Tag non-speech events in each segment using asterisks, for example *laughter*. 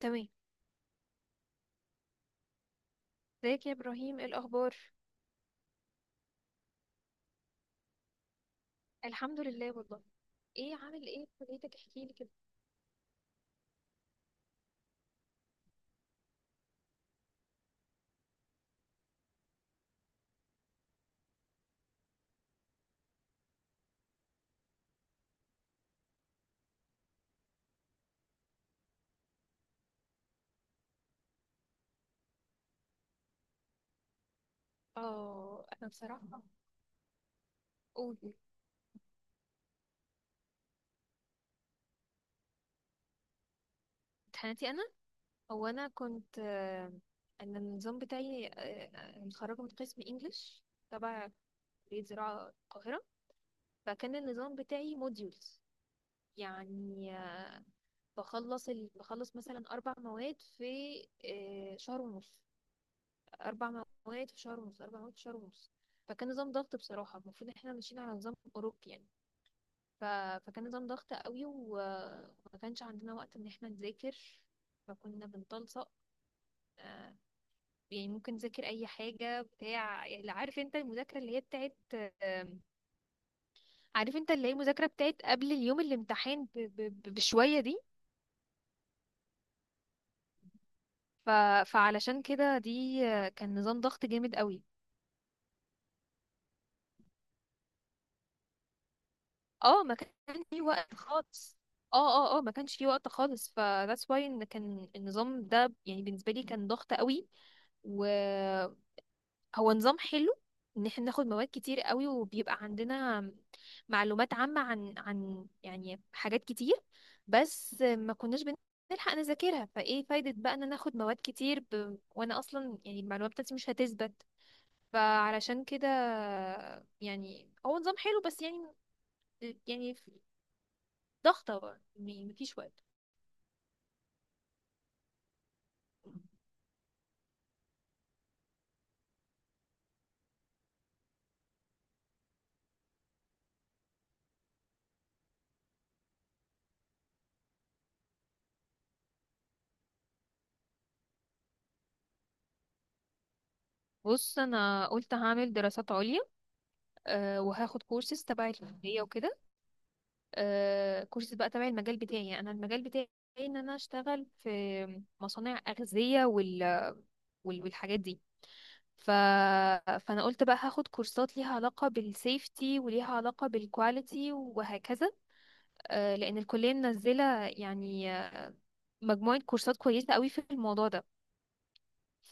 تمام. ازيك يا ابراهيم؟ ايه الاخبار؟ الحمد لله والله. ايه عامل ايه في كليتك؟ احكي لي كده. اه، انا بصراحه. قول. امتحاناتي انا، انا كنت انا النظام بتاعي متخرجه من قسم انجليش، تبع كليه زراعه القاهره. فكان النظام بتاعي موديولز، يعني بخلص بخلص مثلا اربع مواد في شهر ونص، اربع مواد في شهر ونص، اربع مواد في شهر ونص. فكان نظام ضغط بصراحه، المفروض ان احنا ماشيين على نظام اوروبي يعني. ف... فكان نظام ضغط قوي، وما كانش عندنا وقت ان احنا نذاكر. فكنا بنتلصق، آه، يعني ممكن نذاكر اي حاجه بتاع، يعني عارف انت المذاكره اللي هي بتاعت، آم، عارف انت اللي هي المذاكره بتاعت قبل اليوم الامتحان بشويه دي. ف... فعلشان كده دي كان نظام ضغط جامد قوي. اه، ما كانش في وقت خالص. اه اه، ما كانش في وقت خالص، ف that's why ان كان النظام ده يعني بالنسبه لي كان ضغط قوي. وهو نظام حلو ان احنا ناخد مواد كتير قوي، وبيبقى عندنا معلومات عامه عن يعني حاجات كتير، بس ما كناش بنلحق نذاكرها. فايه فايده بقى ان انا اخد مواد كتير، وانا اصلا يعني المعلومات بتاعتي مش هتثبت. فعلشان كده، يعني هو نظام حلو بس يعني، يعني ضغطة برضه، يعني مفيش وقت. بص، انا قلت هعمل دراسات عليا، أه، وهاخد كورسز تبع الكليه وكده. أه، كورسز بقى تبع المجال بتاعي. يعني انا المجال بتاعي ان انا اشتغل في مصانع اغذيه والحاجات دي. ف... فانا قلت بقى هاخد كورسات ليها علاقه بالسيفتي وليها علاقه بالكواليتي وهكذا. أه، لان الكليه منزله يعني مجموعه كورسات كويسه قوي في الموضوع ده،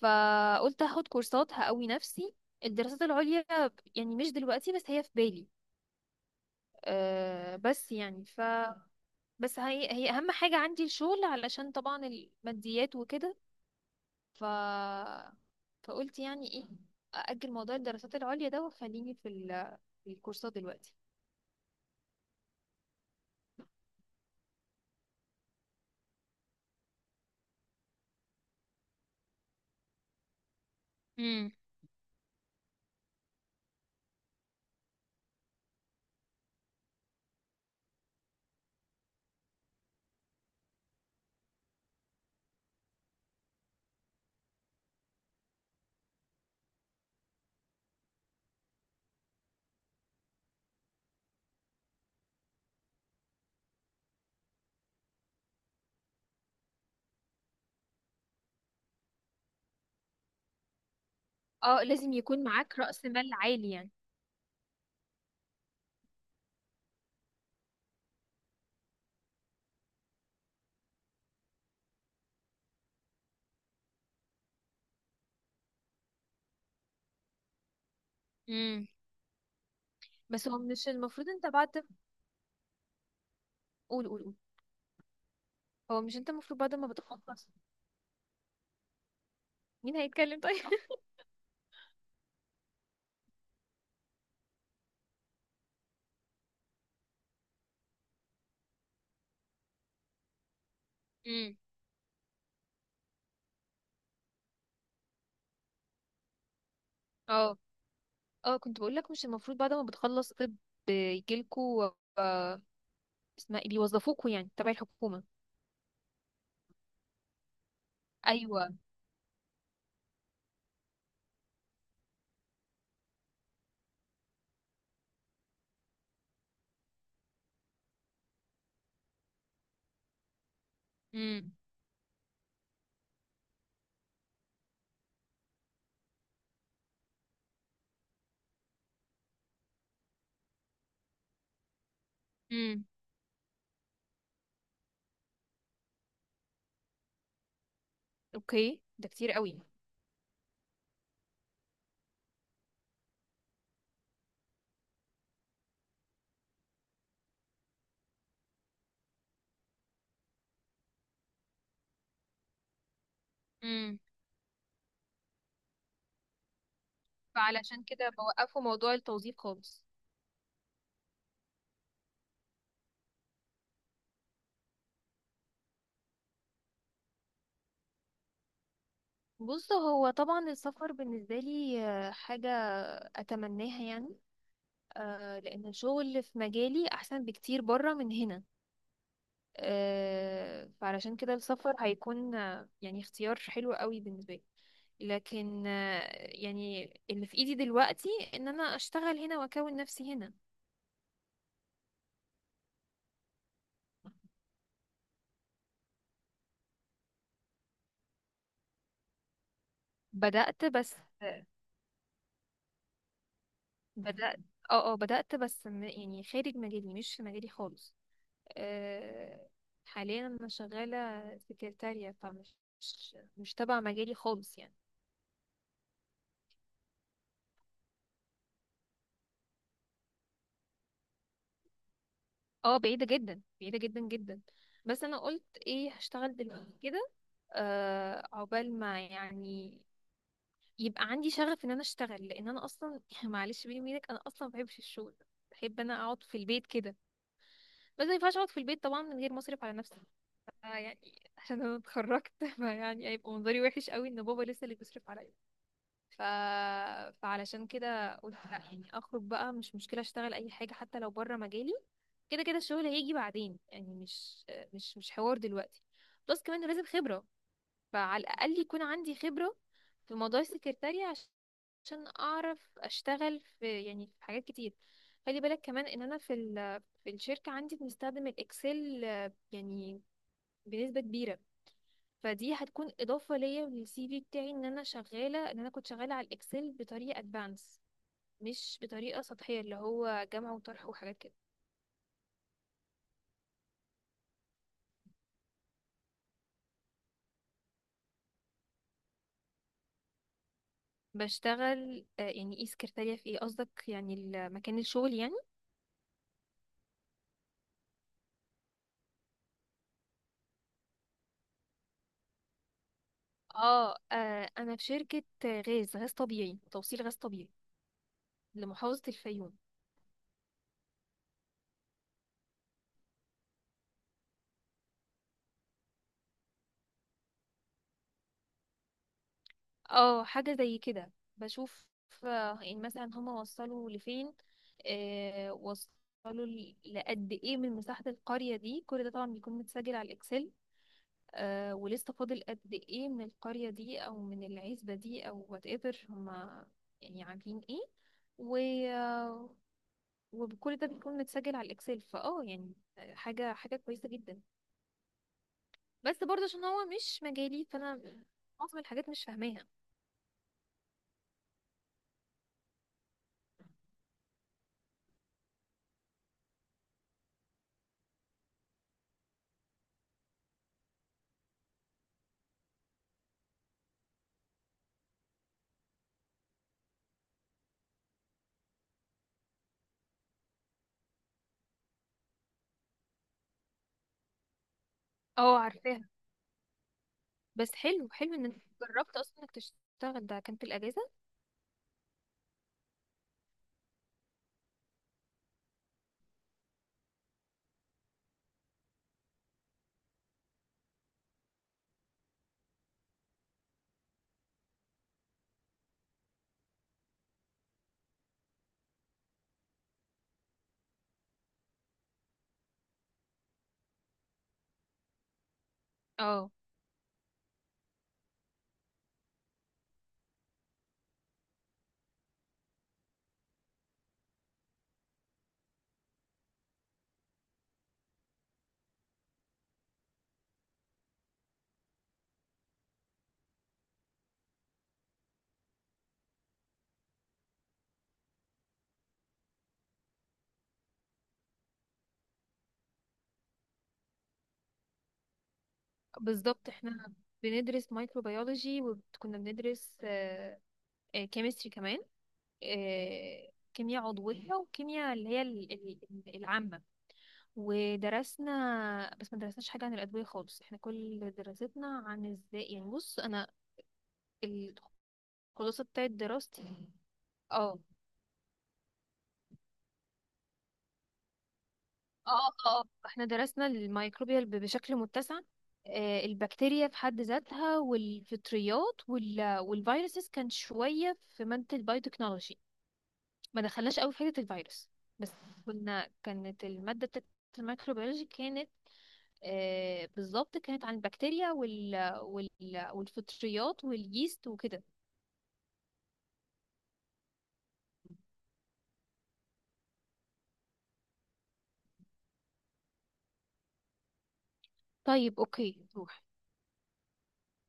فقلت هاخد كورسات هقوي نفسي. الدراسات العليا يعني مش دلوقتي، بس هي في بالي. أه، بس يعني، ف، بس هي اهم حاجة عندي الشغل، علشان طبعا الماديات وكده. ف فقلت يعني ايه، أأجل موضوع الدراسات العليا ده وخليني في في الكورسات دلوقتي. امم. اه، لازم يكون معاك رأس مال عالي يعني. امم. بس هو مش المفروض انت بعد، قول قول قول. هو مش انت المفروض بعد ما بتخلص، مين هيتكلم طيب؟ *laughs* امم. اه اه، كنت بقول لك، مش المفروض بعد ما بتخلص طب يجيلكوا آه، اسمها ايه، بيوظفوكوا يعني تبع الحكومة؟ ايوه. امم. امم. اوكي، ده كتير قوي. امم. فعلشان كده بوقفوا موضوع التوظيف خالص. بص، هو طبعا السفر بالنسبة لي حاجة أتمناها يعني. لأن الشغل في مجالي أحسن بكتير برا من هنا. فعلشان كده السفر هيكون يعني اختيار حلو قوي بالنسبة لي. لكن يعني اللي في ايدي دلوقتي ان انا اشتغل هنا واكون نفسي هنا. بدأت بس. بدأت. اه، بدأت بس، يعني خارج مجالي، مش في مجالي خالص. أه، حاليا انا شغالة سكرتارية، فمش مش مش تبع مجالي خالص يعني. اه، بعيدة جدا، بعيدة جدا جدا. بس انا قلت ايه، هشتغل دلوقتي كده. أه، عقبال ما يعني يبقى عندي شغف ان انا اشتغل. لان انا اصلا *laughs* معلش بيني وبينك، انا اصلا ما بحبش الشغل. بحب انا اقعد في البيت كده، بس ما ينفعش اقعد في البيت طبعا من غير مصرف على نفسي. يعني عشان انا اتخرجت *laughs* فيعني هيبقى منظري وحش قوي ان بابا لسه اللي بيصرف عليا. ف... فعلشان كده قلت لا، يعني اخرج بقى، مش مشكله اشتغل اي حاجه حتى لو بره مجالي. كده كده الشغل هيجي بعدين، يعني مش، مش حوار دلوقتي. بلس كمان لازم خبره، فعلى الأقل يكون عندي خبرة في موضوع السكرتارية عشان أعرف أشتغل في يعني في حاجات كتير. خلي بالك كمان إن أنا في ال في الشركة عندي بنستخدم الإكسل يعني بنسبة كبيرة. فدي هتكون إضافة ليا للسي في بتاعي إن أنا شغالة، إن أنا كنت شغالة على الإكسل بطريقة أدفانس، مش بطريقة سطحية اللي هو جمع وطرح وحاجات كده. بشتغل يعني ايه سكرتارية في ايه قصدك، يعني مكان الشغل يعني؟ اه. انا في شركة غاز طبيعي، توصيل غاز طبيعي لمحافظة الفيوم. اه، حاجة زي كده. بشوف آه، يعني مثلا هما وصلوا لفين، آه وصلوا لقد ايه من مساحة القرية دي. كل ده طبعا بيكون متسجل على الاكسل. آه، ولسه فاضل قد ايه من القرية دي او من العزبة دي او وات ايفر هما يعني عاملين ايه. و... آه، وكل ده بيكون متسجل على الاكسل، فاه يعني حاجة كويسة جدا. بس برضه عشان هو مش مجالي، فانا معظم الحاجات مش فاهماها. اه عارفاها. بس حلو حلو ان انت جربت اصلا انك تشتغل، ده كان في الاجازه. اه بالظبط، احنا بندرس مايكروبيولوجي وكنا بندرس كيمستري كمان، كيمياء عضويه وكيمياء اللي هي العامه. ودرسنا، بس ما درسناش حاجه عن الادويه خالص. احنا كل دراستنا عن ازاي يعني، بص انا الخلاصه بتاعت دراستي، اه اه، احنا درسنا الميكروبيال بشكل متسع. البكتيريا في حد ذاتها والفطريات والفيروسز كان شوية في مادة البايوتكنولوجي. ما دخلناش قوي في حتة الفيروس، بس كنا، كانت المادة بتاعت الميكروبيولوجي كانت بالظبط كانت عن البكتيريا والفطريات واليست وكده. طيب اوكي، روح.